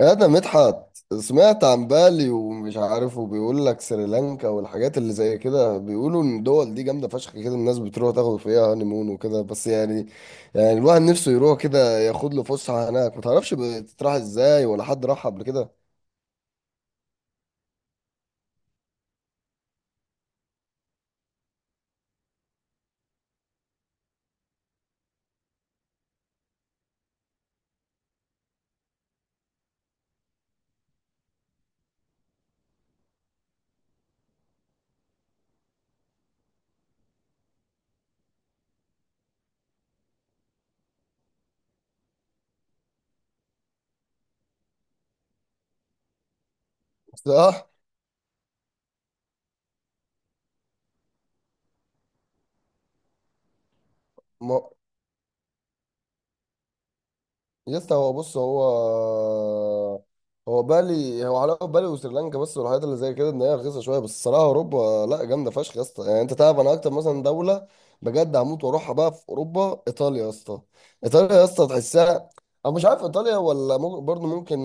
انا مدحت سمعت عن بالي، ومش عارف، وبيقول لك سريلانكا والحاجات اللي زي كده. بيقولوا ان الدول دي جامده فشخ كده، الناس بتروح تاخد فيها هانيمون وكده. بس يعني الواحد نفسه يروح كده ياخد له فسحه هناك. ما تعرفش بتتراح ازاي، ولا حد راح قبل كده؟ صح. يا اسطى، هو بص، هو بالي، هو علاقة بالي وسريلانكا بس والحاجات اللي زي كده، ان هي رخيصة شوية. بس الصراحة اوروبا لا، جامدة فشخ يا اسطى. يعني انت تعرف، انا اكتر مثلا دولة بجد هموت واروحها بقى في اوروبا، ايطاليا يا اسطى. ايطاليا يا اسطى تحسها. انا مش عارف ايطاليا، ولا ممكن برضه، ممكن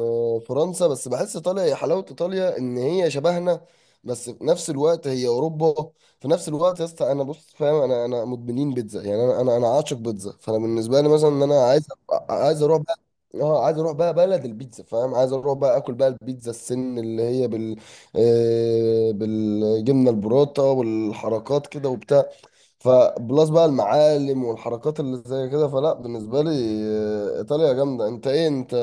فرنسا. بس بحس ايطاليا، هي حلاوة ايطاليا ان هي شبهنا، بس في نفس الوقت هي اوروبا. في نفس الوقت يا اسطى انا بص، فاهم، انا مدمنين بيتزا. يعني انا عاشق بيتزا، فانا بالنسبه لي مثلا ان انا عايز عايز اروح بقى. اه، عايز اروح بقى بلد البيتزا، فاهم. عايز اروح بقى اكل بقى البيتزا السن اللي هي بال، بالجبنه البروتا والحركات كده وبتاع. فبلس بقى المعالم والحركات اللي زي كده. فلا، بالنسبة لي إيطاليا جامدة. أنت إيه، أنت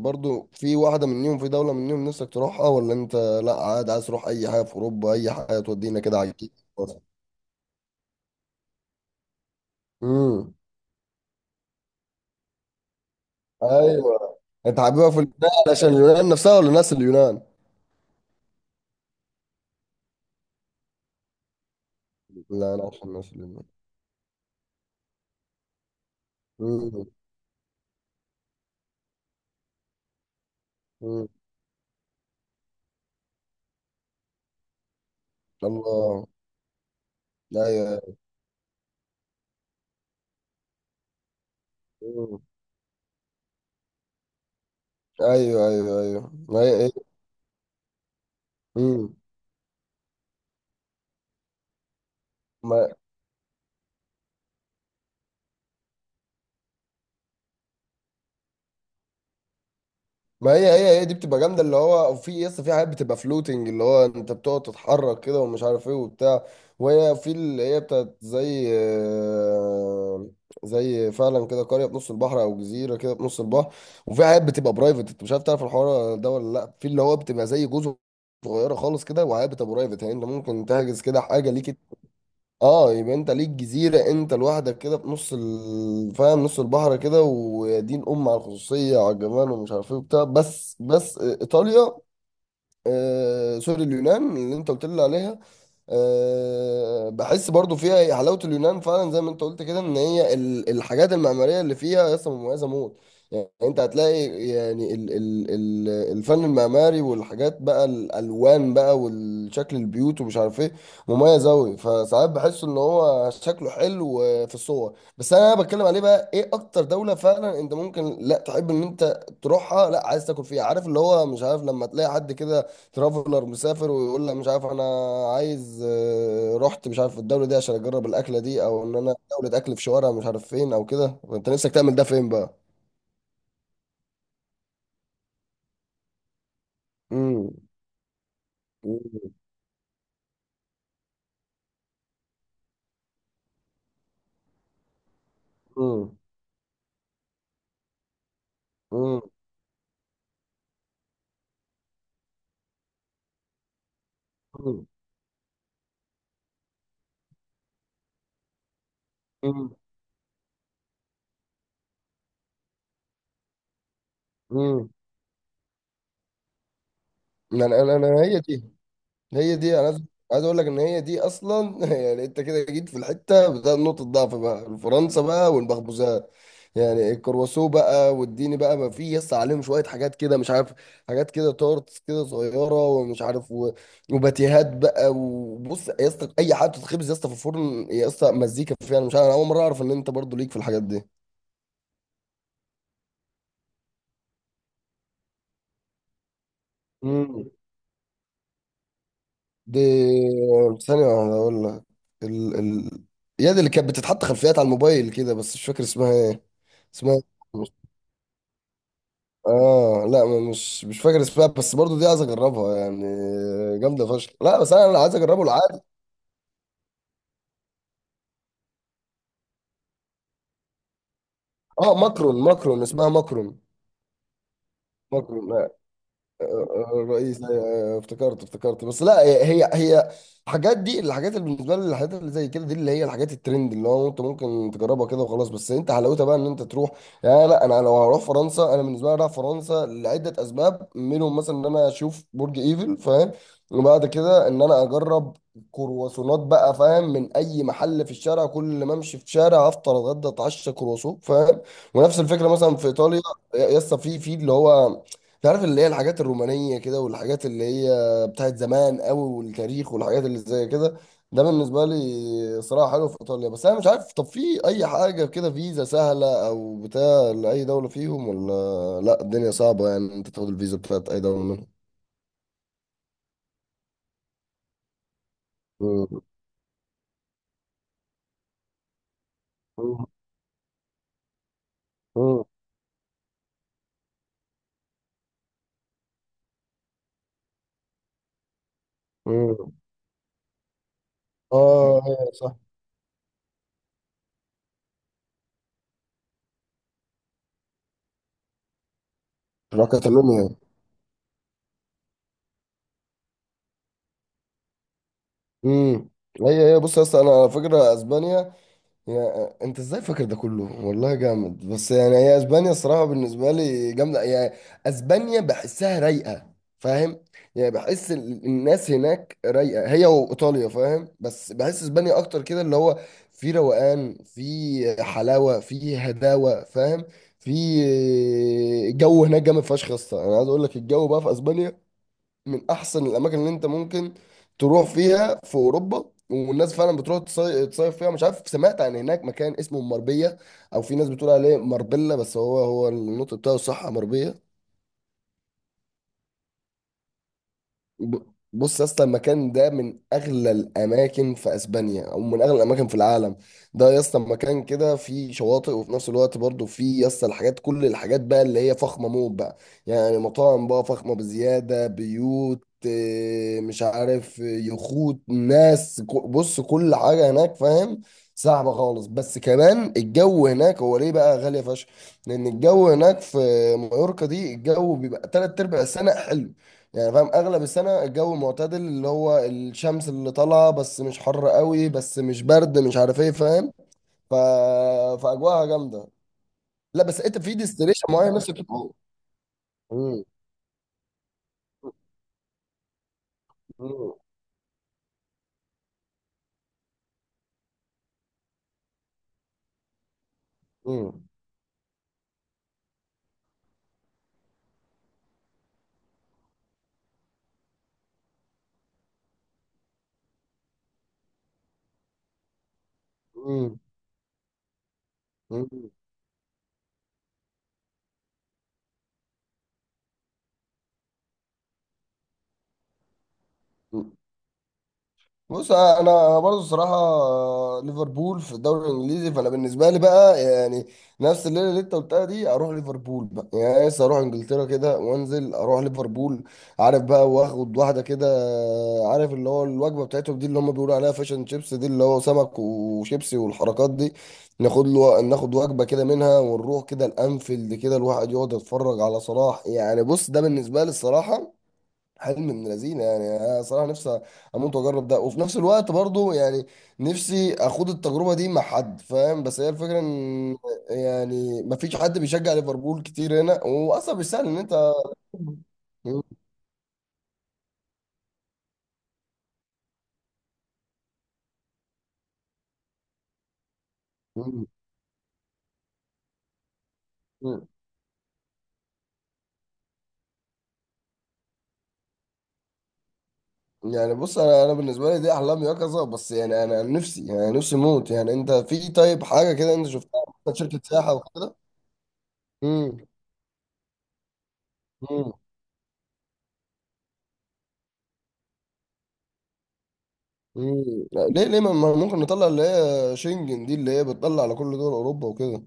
برضو في واحدة منيهم، في دولة منيهم نفسك تروحها؟ ولا أنت لا، عادي عايز تروح أي حاجة في أوروبا، أي حاجة تودينا كده على الجديد. امم. أيوه. أنت حاببها في اليونان علشان اليونان نفسها، ولا ناس اليونان؟ لا، أنا عشان ناس اليونان. امم. امم. الله. أيوه، أيوه. مم. أيوه، أيوه، أيوه، ما هي إيه؟ مم. ما هي دي بتبقى جامده، اللي هو في يس، في حاجات بتبقى فلوتنج، اللي هو انت بتقعد تتحرك كده ومش عارف ايه وبتاع. وهي في اللي هي بتاعت زي، زي فعلا كده، قريه في نص البحر، او جزيره كده في نص البحر. وفي حاجات بتبقى برايفت، انت مش عارف، تعرف الحوار ده ولا لا؟ في اللي هو بتبقى زي جزر صغيره خالص كده، وحاجات بتبقى برايفت يعني، انت ممكن تحجز كده حاجه ليك. اه، يبقى انت ليك جزيرة انت لوحدك كده في نص فاهم، نص البحر كده، ويا دين ام على الخصوصية، على الجمال، ومش عارف ايه وبتاع. بس بس ايطاليا، سوري، اليونان اللي انت قلت لي عليها، بحس برضو فيها، هي حلاوة اليونان فعلا زي ما انت قلت كده، ان هي الحاجات المعمارية اللي فيها اصلا مميزة موت. يعني انت هتلاقي يعني ال الفن المعماري والحاجات بقى، الالوان بقى والشكل البيوت، ومش عارف ايه، مميز اوي. فساعات بحس ان هو شكله حلو في الصور. بس انا بتكلم عليه بقى، ايه اكتر دولة فعلا انت ممكن لا تحب ان انت تروحها، لا عايز تاكل فيها، عارف اللي هو مش عارف، لما تلاقي حد كده ترافلر مسافر ويقول لك، مش عارف انا عايز، رحت مش عارف الدوله دي عشان اجرب الاكله دي، او ان انا دوله اكل في شوارع مش عارف فين او كده. فانت نفسك تعمل ده فين بقى؟ امم. امم. امم. امم. امم. هي دي، هي دي انا عايز، عايز اقول لك ان هي دي اصلا يعني انت كده جيت في الحته بتاعت نقطه ضعف بقى، فرنسا بقى والمخبوزات. يعني الكرواسو بقى واديني بقى، ما في يس عليهم شويه حاجات كده مش عارف، حاجات كده تورتس كده صغيره ومش عارف وباتيهات بقى. وبص يا اسطى، اي حاجه بتتخبز يا اسطى في الفرن يا اسطى، مزيكا فيها. انا مش عارف، انا اول مره اعرف ان انت برضو ليك في الحاجات دي. مم. دي، ثانيه واحدة اقول لك، ال يد اللي كانت بتتحط خلفيات على الموبايل كده، بس مش فاكر اسمها ايه. اسمها إيه؟ مش- اه لا، مش فاكر اسمها، بس برضو دي عايز اجربها يعني، جامده فشخ. لا بس انا، عايز اجربه العادي. اه، ماكرون. اسمها ماكرون. ماكرون الرئيس. أيوة، أيوة، افتكرت افتكرت. بس لا، هي الحاجات دي، الحاجات اللي بالنسبه لي الحاجات اللي زي كده دي، اللي هي الحاجات الترند، اللي هو انت ممكن تجربها كده وخلاص، بس انت حلاوتها بقى ان انت تروح. يعني لا، انا لو هروح فرنسا، انا بالنسبه لي رايح فرنسا لعده اسباب، منهم مثلا ان انا اشوف برج ايفل، فاهم، وبعد كده ان انا اجرب كرواسونات بقى، فاهم، من اي محل في الشارع. كل ما امشي في شارع افطر اتغدى اتعشى كرواسون، فاهم. ونفس الفكره مثلا في ايطاليا، يسطا، في اللي هو، تعرف اللي هي الحاجات الرومانية كده، والحاجات اللي هي بتاعت زمان قوي والتاريخ والحاجات اللي زي كده. ده بالنسبة لي صراحة حلو في إيطاليا. بس أنا مش عارف، طب في أي حاجة كده فيزا سهلة أو بتاع لأي دولة فيهم ولا لأ؟ الدنيا صعبة يعني، أنت تاخد الفيزا بتاعت أي دولة منهم؟ مم. مم. مم. مم. آه، أيوة صح. راكاتالونيا. امم. هي بص يا اسطى، انا على فكره اسبانيا، يا انت ازاي فاكر ده كله، والله جامد. بس يعني هي اسبانيا الصراحه بالنسبه لي جامده. يعني اسبانيا بحسها رايقه، فاهم. يعني بحس الناس هناك رايقه، هي وايطاليا فاهم، بس بحس اسبانيا اكتر كده، اللي هو في روقان، في حلاوه، في هداوه، فاهم. في جو هناك جامد فشخ يا اسطى. انا عايز اقول لك، الجو بقى في اسبانيا من احسن الاماكن اللي انت ممكن تروح فيها في اوروبا، والناس فعلا بتروح تصيف فيها. مش عارف، سمعت عن هناك مكان اسمه مربيه، او في ناس بتقول عليه مربله، بس هو، هو النطق بتاعه صح مربيه. ب- بص يا اسطى، المكان ده من اغلى الاماكن في اسبانيا، او من اغلى الاماكن في العالم. ده يا اسطى مكان كده فيه شواطئ، وفي نفس الوقت برضه فيه يا اسطى الحاجات، كل الحاجات بقى اللي هي فخمه موت بقى. يعني مطاعم بقى فخمه بزياده، بيوت، مش عارف، يخوت، ناس بص كل حاجه هناك، فاهم، صعبه خالص. بس كمان الجو هناك، هو ليه بقى غاليه فشخ؟ لان الجو هناك في مايوركا دي، الجو بيبقى تلات ارباع السنه حلو. يعني فاهم، اغلب السنه الجو معتدل، اللي هو الشمس اللي طالعه بس مش حر قوي، بس مش برد، مش عارف ايه، فاهم. ف... فاجواها جامده. لا بس انت في ديستليشن معين نفسك تبقى. مم. مم. مم. مم. مم. بص انا برضو الصراحه، ليفربول في الدوري الانجليزي. فانا بالنسبه لي بقى يعني، نفس الليله اللي انت قلتها دي، اروح ليفربول بقى. يعني لسه اروح انجلترا كده وانزل اروح ليفربول، عارف بقى، واخد واحده كده، عارف اللي هو الوجبه بتاعتهم دي اللي هم بيقولوا عليها فاشن شيبس دي، اللي هو سمك وشيبسي والحركات دي. ناخد له، ناخد وجبه كده منها، ونروح كده الانفيلد كده، الواحد يقعد يتفرج على صلاح. يعني بص، ده بالنسبه لي الصراحه حلم من لذينه. يعني انا صراحه نفسي اموت واجرب ده، وفي نفس الوقت برضو يعني، نفسي اخوض التجربه دي مع حد، فاهم. بس هي الفكره ان يعني، ما فيش حد بيشجع ليفربول كتير هنا، واصلا مش سهل ان انت. يعني بص، انا بالنسبه لي دي احلام يقظه. بس يعني انا نفسي، يعني نفسي موت. يعني انت في طيب حاجه كده انت شفتها؟ مثلاً شركه سياحه وكده. امم. امم. امم. ليه ما ممكن نطلع اللي هي شنجن دي، اللي هي بتطلع على كل دول اوروبا وكده.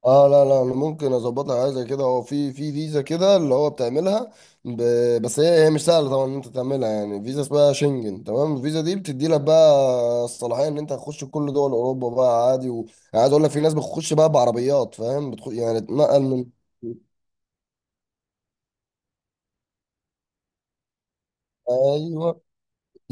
اه لا لا، انا ممكن اظبطها، حاجه زي كده. هو في، فيزا كده اللي هو بتعملها، ب... بس هي، هي مش سهله طبعا ان انت تعملها. يعني فيزا اسمها شنجن، تمام. الفيزا دي بتدي لك بقى الصلاحيه ان انت تخش كل دول اوروبا بقى عادي يعني عايز اقول لك، في ناس بتخش بقى بعربيات فاهم، بتخش يعني تنقل من، ايوه.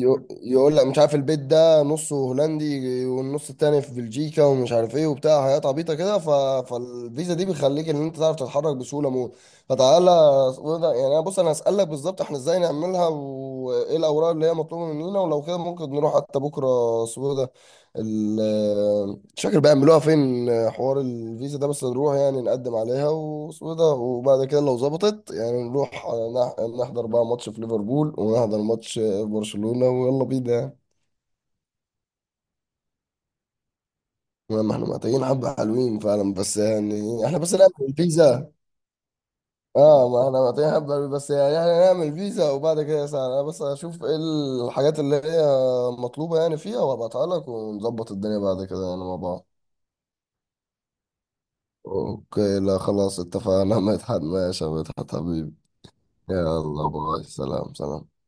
يقول لك مش عارف، البيت ده نصه هولندي والنص التاني في بلجيكا، ومش عارف ايه وبتاع، حاجات عبيطه كده. فالفيزا دي بتخليك ان انت تعرف تتحرك بسهوله موت. فتعالى يعني انا بص، انا هسألك بالظبط احنا ازاي نعملها، وايه الاوراق اللي هي مطلوبه مننا، ولو كده ممكن نروح حتى بكره، اسمه إيه ده، مش فاكر بيعملوها فين، حوار الفيزا ده. بس نروح يعني نقدم عليها، واسمه إيه ده، وبعد كده لو ظبطت يعني نروح نحضر بقى ماتش في ليفربول، ونحضر ماتش برشلونة، ويلا بينا يعني. ما احنا محتاجين حبة حلوين فعلا، بس يعني احنا بس نعمل فيزا. اه، ما احنا محتاجين حبة حلوين، بس يعني احنا نعمل فيزا، وبعد كده ساعة انا بس اشوف ايه الحاجات اللي هي مطلوبة يعني فيها، وابعتها لك، ونظبط الدنيا بعد كده يعني مع بعض. اوكي، لا خلاص، اتفقنا. مدحت، ماشي يا مدحت حبيبي. يلا باي، سلام، سلام.